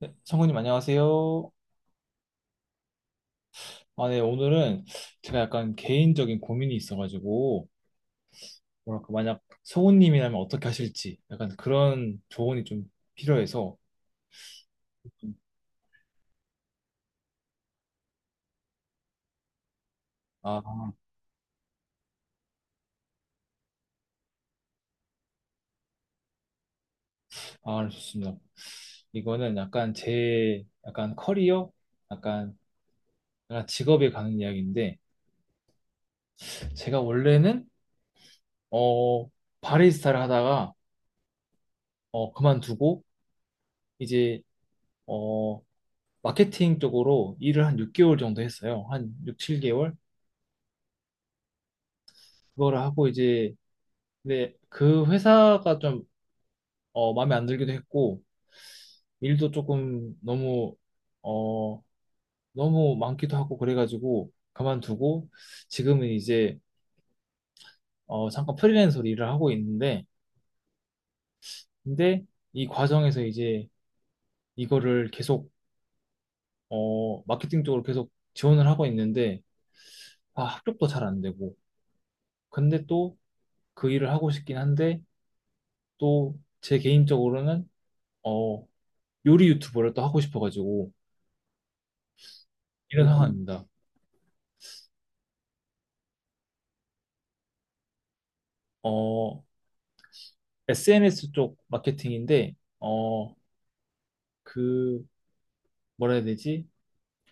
네, 성우님 안녕하세요. 아, 네, 오늘은 제가 약간 개인적인 고민이 있어가지고, 뭐랄까, 만약 성우님이라면 어떻게 하실지, 약간 그런 조언이 좀 필요해서, 아, 아, 좋습니다. 이거는 약간 제, 약간 커리어? 약간, 약간 직업에 가는 이야기인데, 제가 원래는, 어, 바리스타를 하다가, 그만두고, 이제, 어, 마케팅 쪽으로 일을 한 6개월 정도 했어요. 한 6, 7개월? 그거를 하고 이제, 근데 그 회사가 좀 마음에 안 들기도 했고, 일도 조금 너무 어 너무 많기도 하고 그래가지고 그만두고, 지금은 이제 잠깐 프리랜서로 일을 하고 있는데, 근데 이 과정에서 이제 이거를 계속 마케팅 쪽으로 계속 지원을 하고 있는데, 합격도 잘 안 되고, 근데 또 그 일을 하고 싶긴 한데, 또 제 개인적으로는 어 요리 유튜버를 또 하고 싶어가지고 이런 상황입니다. 어, SNS 쪽 마케팅인데, 그, 뭐라 해야 되지?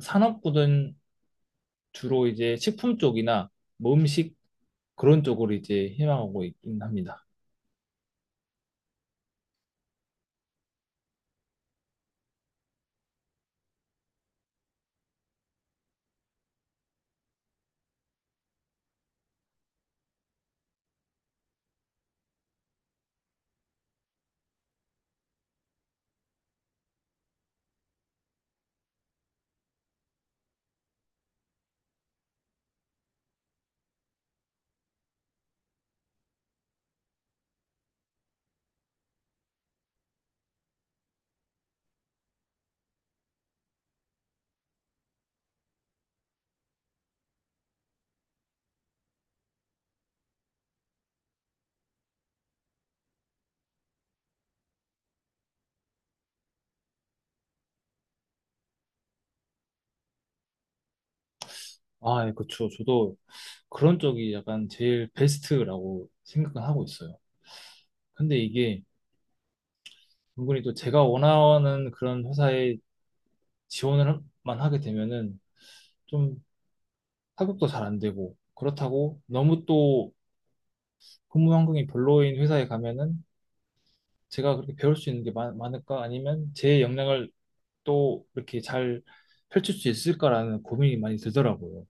산업군은 주로 이제 식품 쪽이나 뭐 음식 그런 쪽으로 이제 희망하고 있긴 합니다. 아, 예, 그쵸. 저도 그런 쪽이 약간 제일 베스트라고 생각은 하고 있어요. 근데 이게 은근히 또 제가 원하는 그런 회사에 지원을만 하게 되면은 좀 합격도 잘 안 되고, 그렇다고 너무 또 근무 환경이 별로인 회사에 가면은 제가 그렇게 배울 수 있는 게 많을까? 아니면 제 역량을 또 이렇게 잘 펼칠 수 있을까라는 고민이 많이 들더라고요.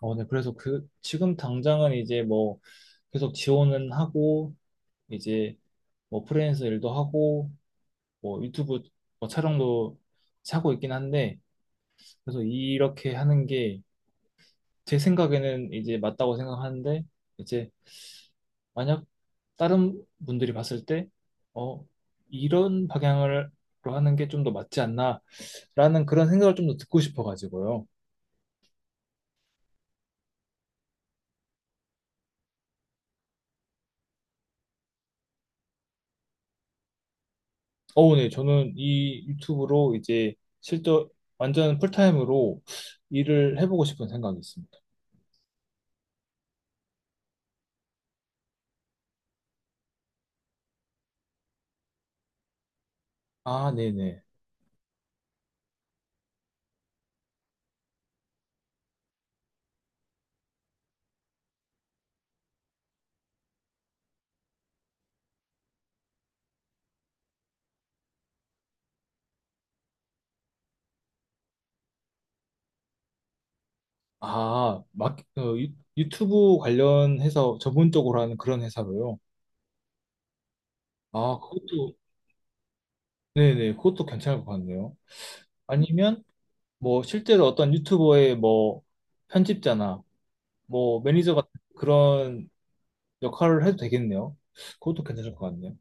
네. 그래서 그, 지금 당장은 이제 뭐 계속 지원은 하고, 이제 뭐 프리랜서 일도 하고, 뭐 유튜브 뭐 촬영도 하고 있긴 한데, 그래서 이렇게 하는 게 제 생각에는 이제 맞다고 생각하는데, 이제 만약 다른 분들이 봤을 때, 어, 이런 방향으로 하는 게 좀 더 맞지 않나? 라는 그런 생각을 좀 더 듣고 싶어가지고요. 네, 저는 이 유튜브로 이제 실제 완전 풀타임으로 일을 해보고 싶은 생각이 있습니다. 아, 네네. 아, 막, 유튜브 관련해서 전문적으로 하는 그런 회사로요. 아, 그것도, 네네, 그것도 괜찮을 것 같네요. 아니면, 뭐, 실제로 어떤 유튜버의 뭐, 편집자나, 뭐, 매니저 같은 그런 역할을 해도 되겠네요. 그것도 괜찮을 것 같네요.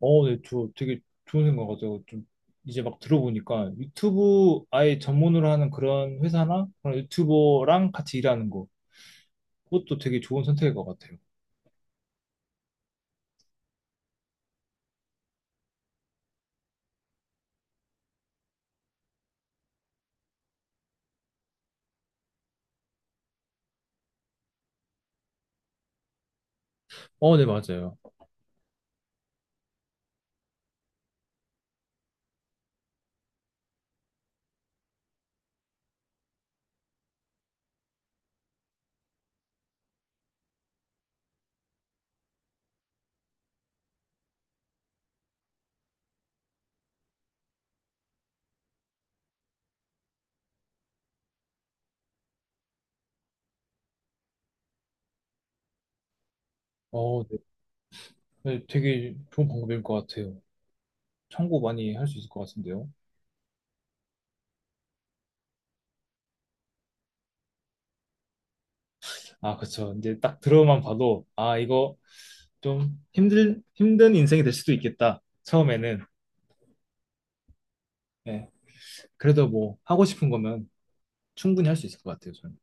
네, 저 되게 좋은 생각 같아요. 좀 이제 막 들어보니까 유튜브 아예 전문으로 하는 그런 회사나 그런 유튜버랑 같이 일하는 거, 그것도 되게 좋은 선택일 것 같아요. 네, 맞아요. 네, 네, 되게 좋은 방법일 것 같아요. 참고 많이 할 수 있을 것 같은데요. 아, 그쵸. 이제 딱 들어만 봐도, 아, 이거 좀 힘든 인생이 될 수도 있겠다. 처음에는. 네, 그래도 뭐 하고 싶은 거면 충분히 할 수 있을 것 같아요, 저는.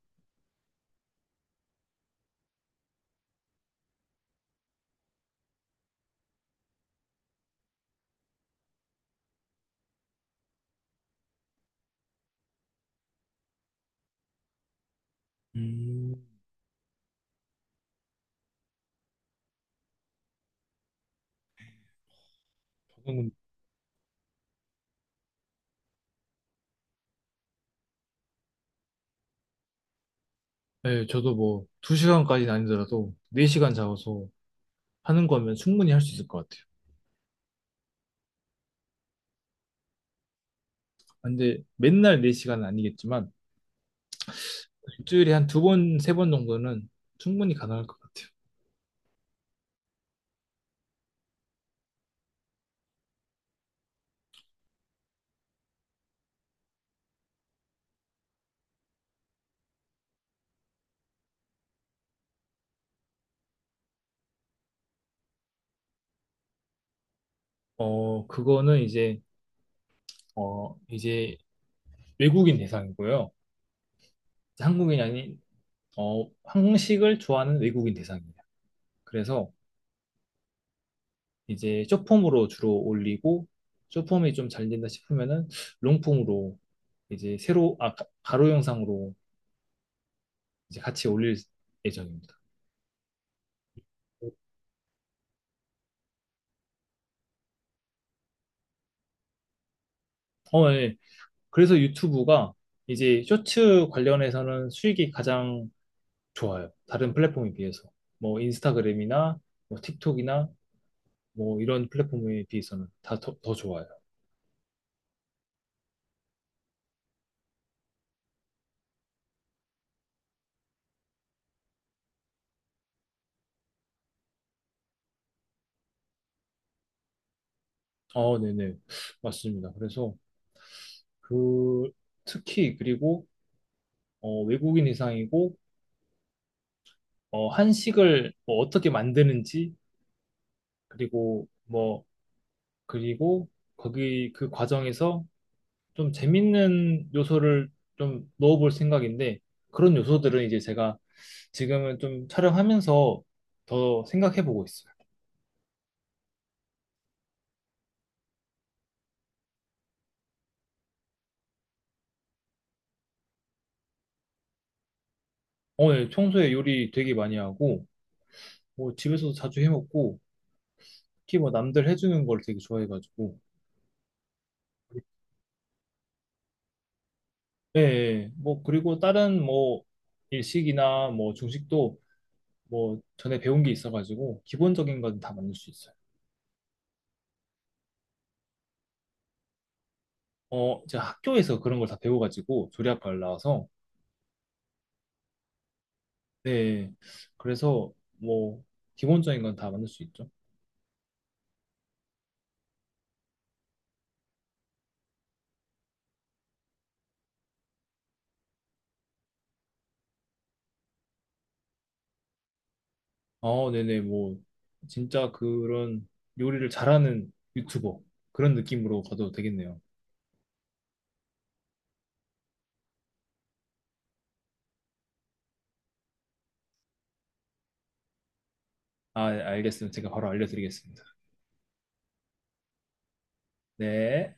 음, 저는 네, 저도 뭐, 두시간까지는 아니더라도, 4시간 잡아서 하는 거면 충분히 할 수 있을 것 같아요. 근데 맨날 네시간은 아니겠지만, 일주일에 한 2번, 3번 정도는 충분히 가능할 것 같아요. 그거는 이제, 이제 외국인 대상이고요. 이제 한국인이 아닌, 한국식을 좋아하는 외국인 대상이에요. 그래서 이제 숏폼으로 주로 올리고, 숏폼이 좀 잘 된다 싶으면은, 롱폼으로 이제 새로, 아, 가로 영상으로 이제 같이 올릴 예정입니다. 예. 그래서 유튜브가 이제 쇼츠 관련해서는 수익이 가장 좋아요. 다른 플랫폼에 비해서. 뭐 인스타그램이나 뭐 틱톡이나 뭐 이런 플랫폼에 비해서는 다 더 좋아요. 네네. 맞습니다. 그래서 그 특히 그리고 외국인 이상이고 한식을 뭐 어떻게 만드는지 그리고 뭐 그리고 거기 그 과정에서 좀 재밌는 요소를 좀 넣어볼 생각인데 그런 요소들은 이제 제가 지금은 좀 촬영하면서 더 생각해보고 있어요. 오늘 평소에 요리 되게 많이 하고 뭐 집에서도 자주 해먹고 특히 뭐 남들 해주는 걸 되게 좋아해가지고. 예, 예. 뭐 그리고 다른 뭐 일식이나 뭐 중식도 뭐 전에 배운 게 있어가지고 기본적인 건 다 만들 수 있어요. 제가 학교에서 그런 걸 다 배워가지고 조리학과를 나와서. 네. 그래서 뭐 기본적인 건 다 만들 수 있죠. 아, 네네. 뭐 진짜 그런 요리를 잘하는 유튜버 그런 느낌으로 가도 되겠네요. 아, 알겠습니다. 제가 바로 알려드리겠습니다. 네.